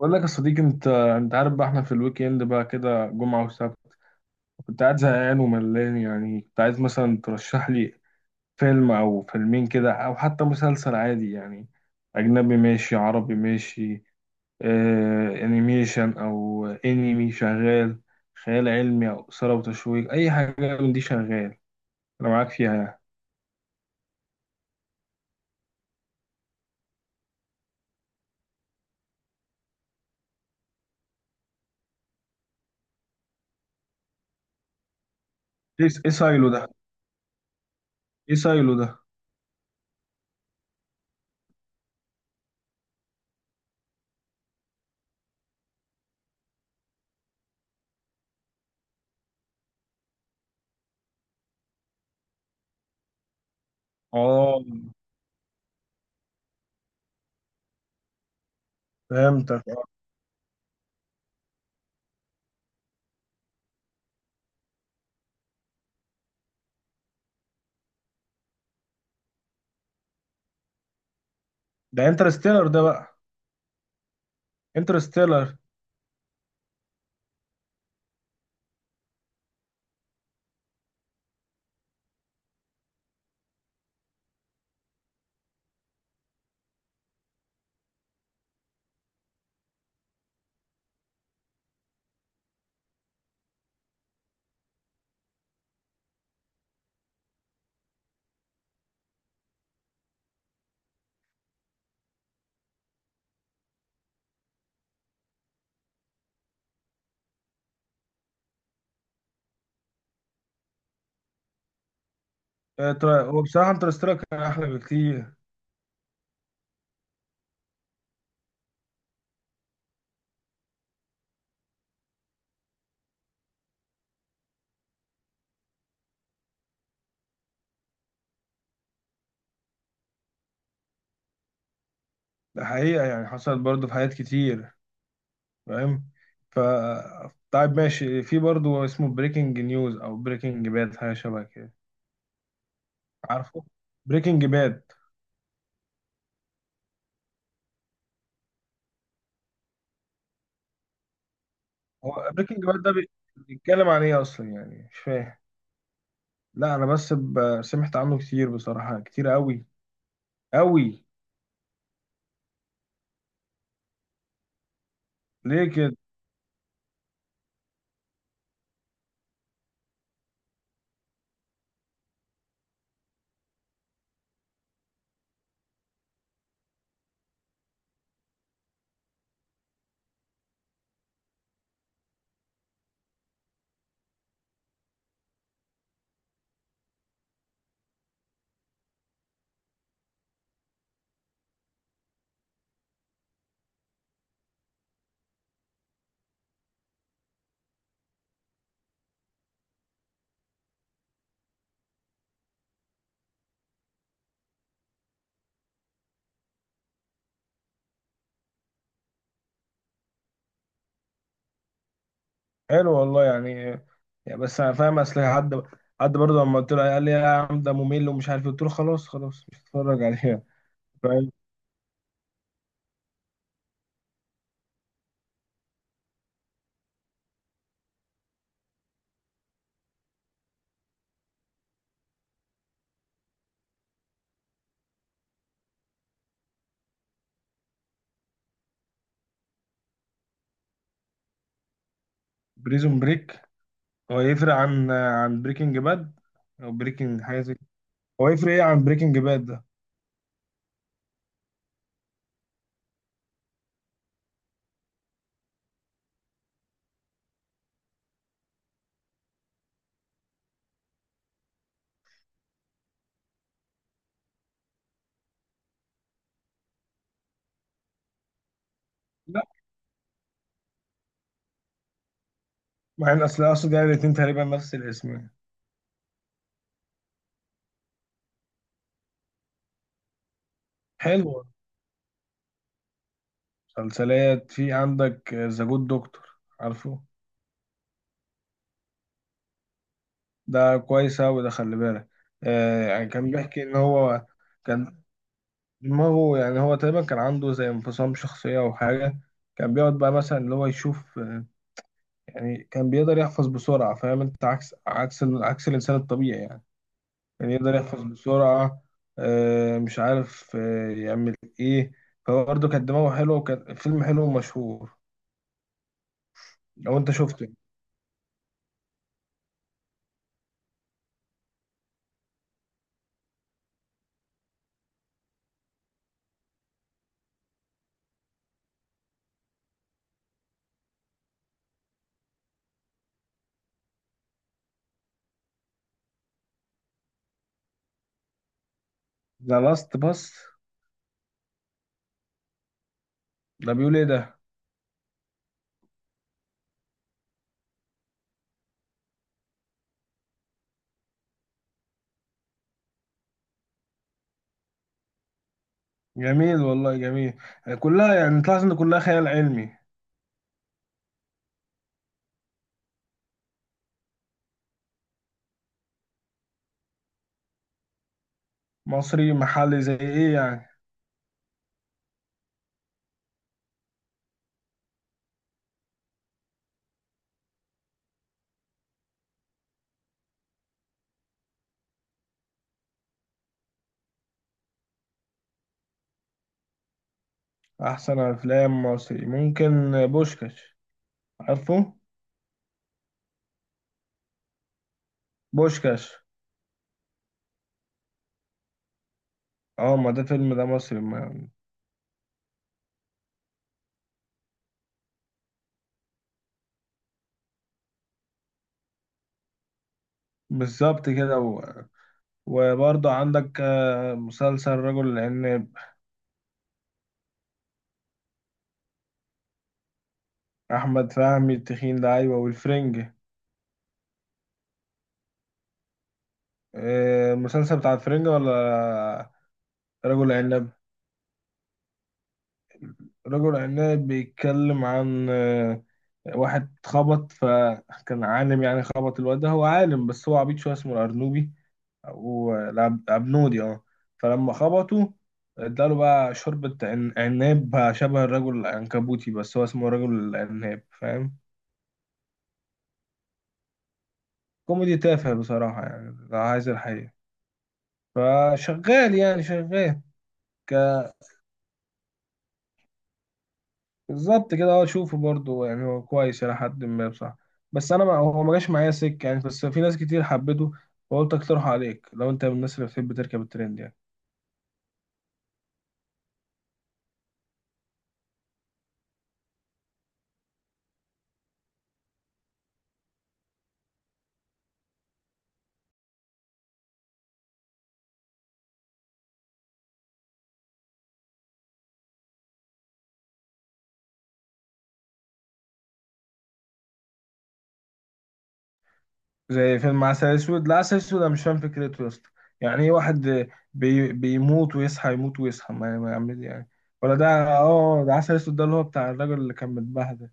بقول لك يا صديقي، انت عارف بقى احنا في الويك اند بقى كده، جمعة وسبت كنت قاعد زهقان وملان، يعني كنت عايز مثلا ترشح لي فيلم او فيلمين كده، او حتى مسلسل عادي يعني. اجنبي ماشي، عربي ماشي، آه انيميشن او انمي شغال، خيال علمي او اثارة وتشويق، اي حاجة من دي شغال، انا معاك فيها يعني. ايه سايلو ده؟ ايه سايلو ده؟ اه، فهمتك. ده انترستيلر ده بقى؟ انترستيلر. هو بصراحة انترستيلر كان أحلى بكتير. ده حقيقة، يعني حصلت برضه في حاجات كتير. فاهم. ف طيب ماشي، في برضه اسمه بريكنج نيوز أو بريكنج باد، حاجة شبه كده. عارفه؟ بريكنج باد. هو بريكنج باد ده بيتكلم عن إيه أصلا؟ يعني مش فاهم. لا، أنا بس سمعت عنه كتير بصراحة، كتير أوي. أوي. ليه كده؟ حلو والله يعني. يعني بس أنا فاهم، أصل حد برضه لما قلت له قال لي يا عم ده ممل ومش عارف إيه. قلت له خلاص، خلاص مش هتفرج عليه. بريزون بريك. هو يفرق عن بريكنج باد او بريكنج حاجه زي كده. هو يفرق ايه عن بريكنج باد ده؟ لا، مع ان اصل يعني الاتنين تقريبا نفس الاسم يعني. حلو. مسلسلات في عندك ذا جود دكتور؟ عارفه؟ ده كويس اوي ده، خلي بالك. آه، يعني كان بيحكي ان هو كان دماغه، يعني هو تقريبا كان عنده زي انفصام شخصيه او حاجه. كان بيقعد بقى مثلا اللي هو يشوف، يعني كان بيقدر يحفظ بسرعه، فاهم انت؟ عكس الانسان الطبيعي يعني. يعني يقدر يحفظ بسرعة، مش عارف يعمل ايه. فهو برضه كان دماغه حلو وكان فيلم حلو ومشهور. لو انت شفته. ذا لاست باس؟ ده بيقول ايه ده؟ جميل والله، جميل. كلها يعني تلاحظ ان كلها خيال علمي. مصري محلي زي ايه يعني؟ احسن افلام مصري ممكن بوشكاش. عارفه؟ بوشكاش. اه ما ده فيلم ده مصري ما. بالظبط كده وبرضه عندك مسلسل رجل العناب. احمد فهمي التخين ده، ايوه، والفرنج. المسلسل بتاع الفرنج ولا؟ رجل عناب. رجل عناب بيتكلم عن واحد خبط، فكان عالم يعني، خبط الواد ده. هو عالم بس هو عبيط شويه، اسمه الارنوبي او العبنودي، اه. فلما خبطه اداله بقى شوربة عناب، بقى شبه الرجل العنكبوتي بس هو اسمه رجل العناب، فاهم؟ كوميدي تافه بصراحة يعني، لو عايز الحقيقة. فشغال يعني، شغال. بالظبط كده، اه شوفه برضه، يعني هو كويس إلى حد ما بصراحة. بس أنا ما هو ما جاش معايا سكة يعني، بس في ناس كتير حبته، فقلت أقترحه عليك لو أنت من الناس اللي بتحب تركب الترند يعني. زي فيلم عسل أسود. لا، عسل أسود أنا مش فاهم فكرته يا اسطى. يعني إيه واحد بيموت ويصحى، يموت ويصحى، ما يعمل يعني؟ ولا ده؟ اه ده عسل أسود ده، اللي هو بتاع الراجل اللي كان متبهدل.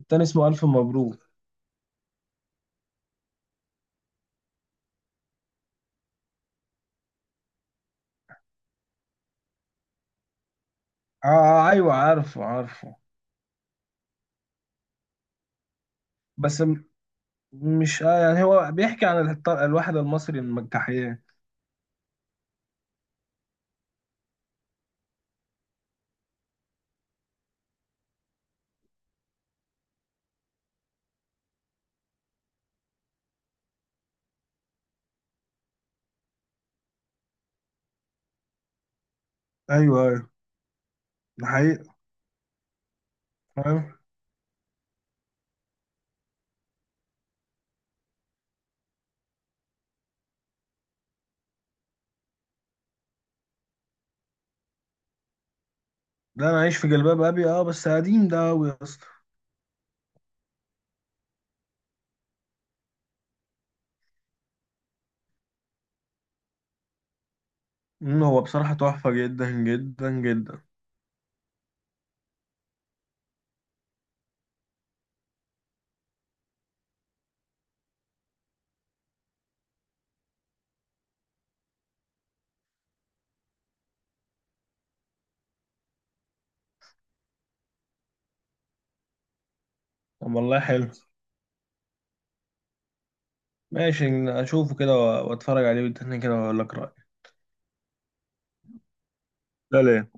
التاني اسمه ألف مبروك. اه أيوه، عارفه عارفه. بس مش آه، يعني هو بيحكي عن الواحد المصري المجتاحية. ايوه. ده حقيقة. فاهم. ده انا عايش في جلباب ابي، اه بس قديم ده قوي يا اسطى. هو بصراحة تحفة، جدا جدا جدا. طب والله حلو. ماشي. اشوفه كده واتفرج عليه بالتاني كده واقول لك رأيي. لا، لا.